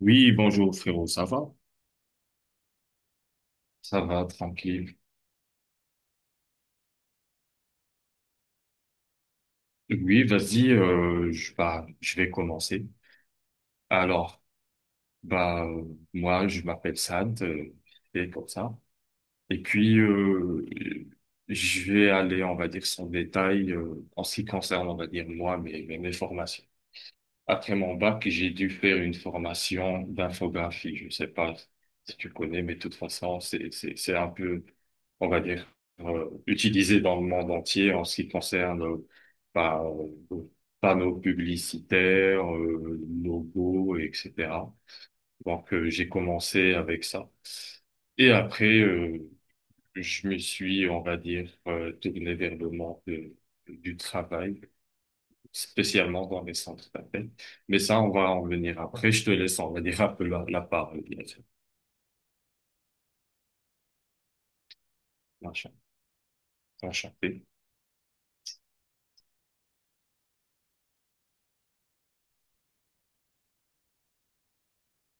Oui, bonjour frérot, ça va? Ça va, tranquille. Oui, vas-y, je vais commencer. Alors, bah, euh, moi, je m'appelle Sad, et comme ça. Et puis, je vais aller, on va dire, sans détail, en ce qui concerne, on va dire, moi, mes formations. Après mon bac, j'ai dû faire une formation d'infographie. Je ne sais pas si tu connais, mais de toute façon, c'est un peu, on va dire, utilisé dans le monde entier en ce qui concerne bah, euh, panneaux publicitaires, logos, etc. Donc, j'ai commencé avec ça. Et après, je me suis, on va dire, tourné vers le monde du travail spécialement dans les centres d'appel. Mais ça, on va en venir après. Je te laisse en venir un peu la parole. Bien sûr. Enchan- Enchanté.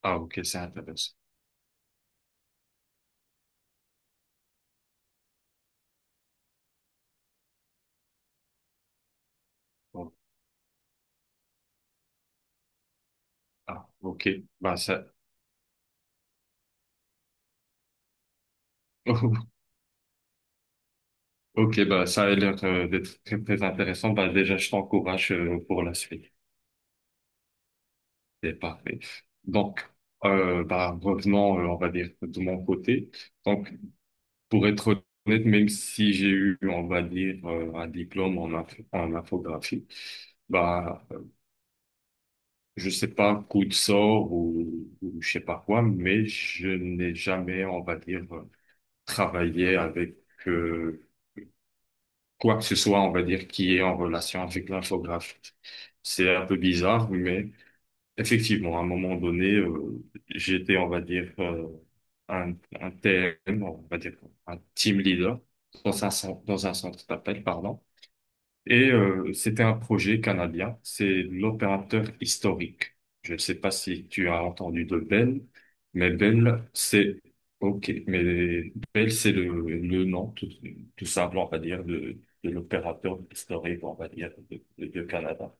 Ah, ok, c'est intéressant. Bon. Ah, ok. Bah, ça, ok, bah, ça a l'air d'être très, très intéressant. Bah, déjà, je t'encourage pour la suite. C'est parfait. Donc, revenons, on va dire, de mon côté. Donc, pour être honnête, même si j'ai eu, on va dire, un diplôme en infographie, bah, je sais pas, coup de sort ou je sais pas quoi, mais je n'ai jamais, on va dire, travaillé avec euh, quoi que ce soit, on va dire, qui est en relation avec l'infographie. C'est un peu bizarre, mais effectivement, à un moment donné, j'étais, on va dire, un, un TM, on va dire, un team leader dans un centre d'appel, pardon. Et c'était un projet canadien, c'est l'opérateur historique. Je ne sais pas si tu as entendu de Bell, mais Bell, c'est ok, mais Bell, c'est le nom tout, tout simple, on va dire, de l'opérateur historique, on va dire, de Canada.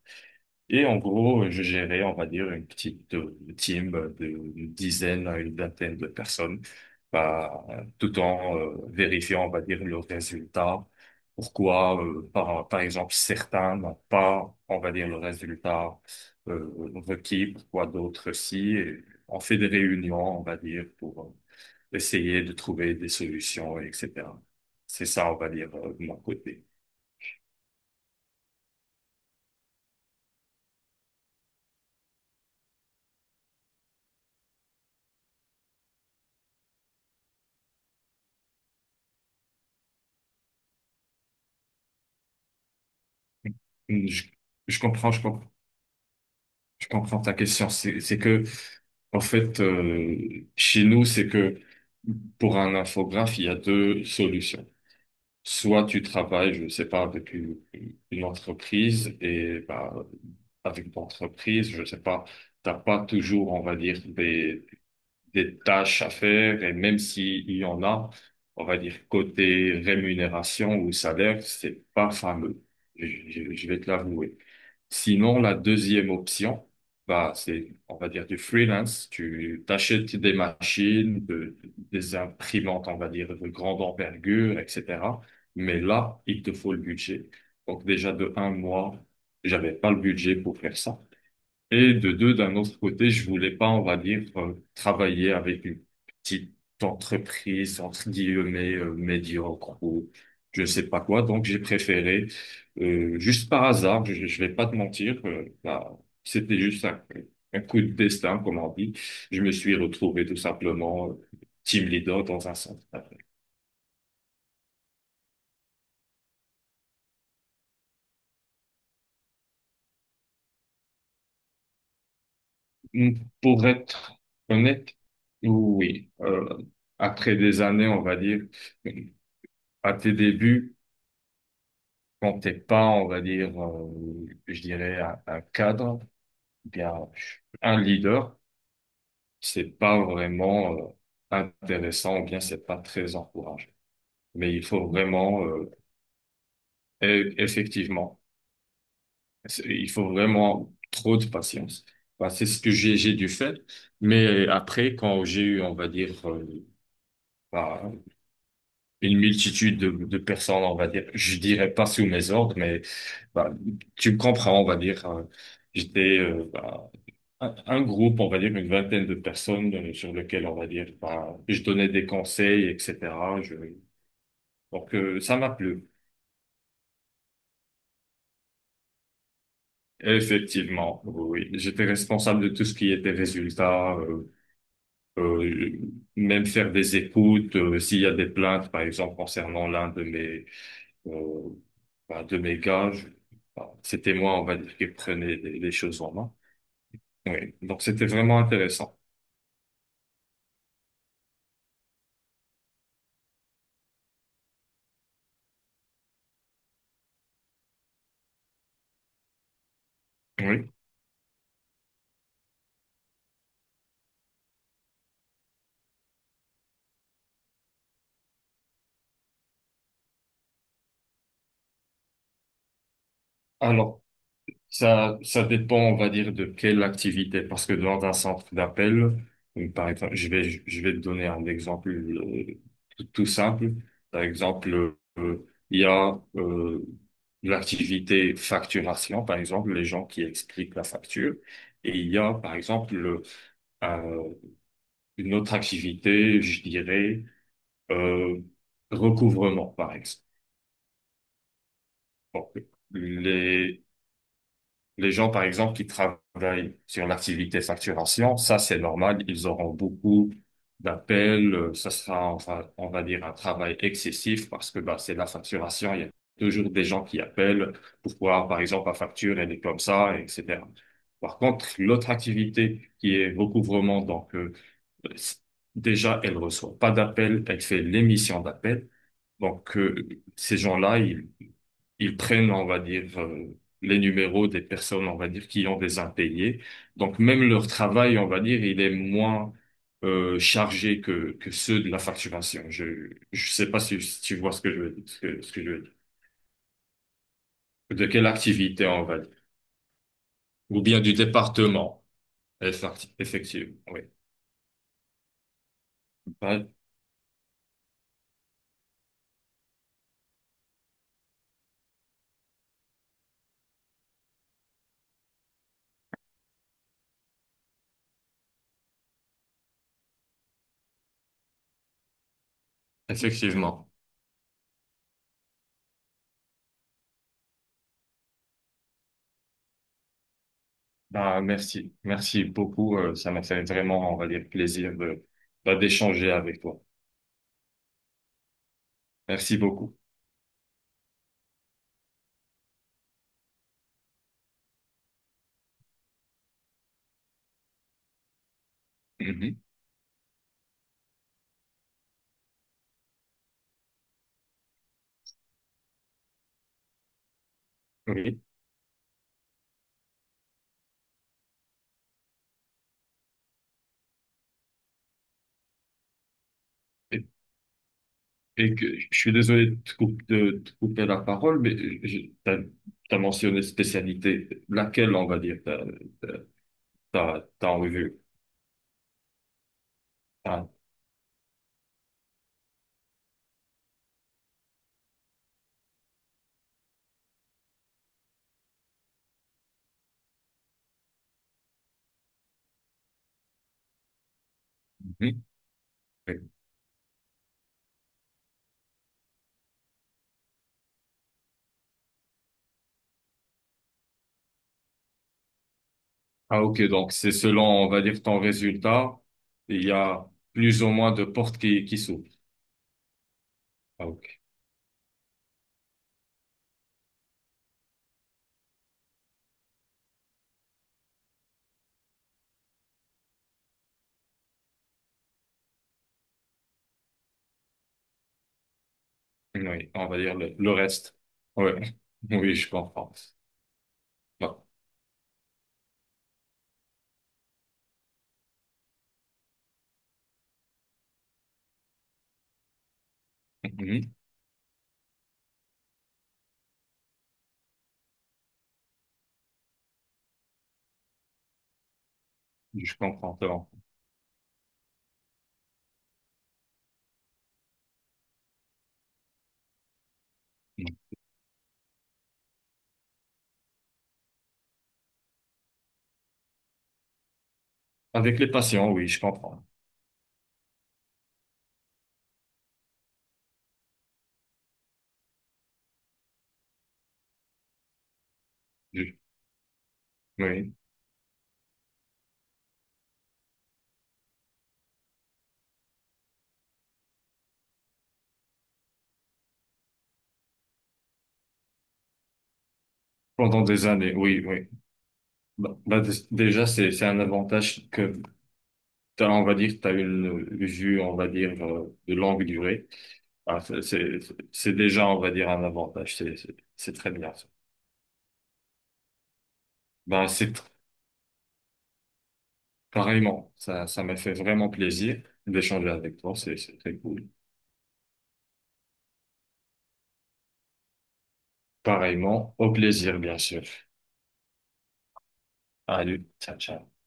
Et en gros, je gérais, on va dire, une petite team de dizaines à une vingtaine de personnes, bah, tout en vérifiant, on va dire, le résultat. Pourquoi, par exemple, certains n'ont pas, on va dire, le résultat euh, requis, pourquoi d'autres si. Et on fait des réunions, on va dire, pour essayer de trouver des solutions, etc. C'est ça, on va dire, de mon côté. Hum, Je, je comprends, je comprends ta question. C'est que, en fait, chez nous, c'est que pour un infographe, il y a deux solutions. Soit tu travailles, je sais pas, avec une entreprise et bah, avec ton entreprise, je sais pas, t'as pas toujours, on va dire, des tâches à faire et même s'il y en a, on va dire côté rémunération ou salaire, c'est pas fameux. Je vais te l'avouer. Sinon, la deuxième option, bah, c'est, on va dire du freelance. Tu t'achètes des machines, des imprimantes, on va dire, de grande envergure, etc. Mais là, il te faut le budget. Donc déjà de un mois, j'avais pas le budget pour faire ça. Et de deux, d'un autre côté, je voulais pas, on va dire, travailler avec une petite entreprise, entre guillemets, médiocre ou je sais pas quoi. Donc, j'ai préféré, juste par hasard, je vais pas te mentir, c'était juste un coup de destin, comme on dit. Je me suis retrouvé tout simplement team leader dans un centre. Hmm, Pour être honnête, oui, après des années, on va dire, à tes débuts, quand t'es pas, on va dire, je dirais, un cadre, ou bien un leader, c'est pas vraiment intéressant, ou bien c'est pas très encouragé. Mais il faut vraiment, effectivement, il faut vraiment trop de patience. Bah, c'est ce que j'ai dû faire. Mais après, quand j'ai eu, on va dire, bah, une multitude de personnes, on va dire, je dirais pas sous mes ordres, mais bah, tu me comprends, on va dire. J'étais, un groupe, on va dire une vingtaine de personnes sur lequel on va dire, bah, je donnais des conseils, etc. Je... Donc ça m'a plu. Effectivement, oui. J'étais responsable de tout ce qui était résultat, euh, même faire des écoutes, s'il y a des plaintes, par exemple, concernant l'un de mes, euh, de mes gars, bah, c'était moi, on va dire, qui prenais les choses en main. Oui. Donc c'était vraiment intéressant. Oui. Alors, ça dépend, on va dire, de quelle activité. Parce que dans un centre d'appel, donc, par exemple, je vais te donner un exemple tout, tout simple. Par exemple, il y a l'activité facturation, par exemple, les gens qui expliquent la facture. Et il y a, par exemple, un- une autre activité, je dirais, euh, recouvrement, par exemple. Donc, les, les gens, par exemple, qui travaillent sur l'activité facturation, ça, c'est normal. Ils auront beaucoup d'appels. Ça sera, on va dire, un travail excessif parce que bah, c'est la facturation. Il y a toujours des gens qui appellent pour voir, par exemple, la facture, elle est comme ça, etc. Par contre, l'autre activité qui est recouvrement, donc c- déjà, elle reçoit pas d'appels, elle fait l'émission d'appels. Donc, ces gens-là, ils prennent, on va dire, les numéros des personnes, on va dire, qui ont des impayés. Donc même leur travail, on va dire, il est moins chargé que ceux de la facturation. Je sais pas si, si tu vois ce que je veux dire, ce que je veux dire. De quelle activité, on va dire. Ou bien du département. Effectivement, oui. Bah, effectivement. Ben merci. Merci beaucoup. Ça m'a fait vraiment, on va dire, plaisir de, bah, d'échanger avec toi. Merci beaucoup. Mhm. Oui. Et que, je suis désolé de de te couper la parole, mais tu as, mentionné spécialité. Laquelle, on va dire, t'as en revue? Ah, mhm. Oui. Ah, ok, donc c'est selon, on va dire, ton résultat, il y a plus ou moins de portes qui s'ouvrent. Ah, ok. Oui, on va dire le reste. Oui, oui, je comprends. Bah, mhm. Je comprends. C'est bon. Avec les patients, oui, je comprends. Je- oui, pendant des années, oui, oui. Déjà, c'est un avantage que t'as, on va dire, tu as une vue, on va dire, de longue durée. Bah, c'est déjà, on va dire, un avantage. C'est très bien. Ça. Bah, c'est tr- pareillement. Ça, ça m'a fait vraiment plaisir d'échanger avec toi. C'est très cool. Pareillement, au plaisir, bien sûr. Allez, ciao, ciao.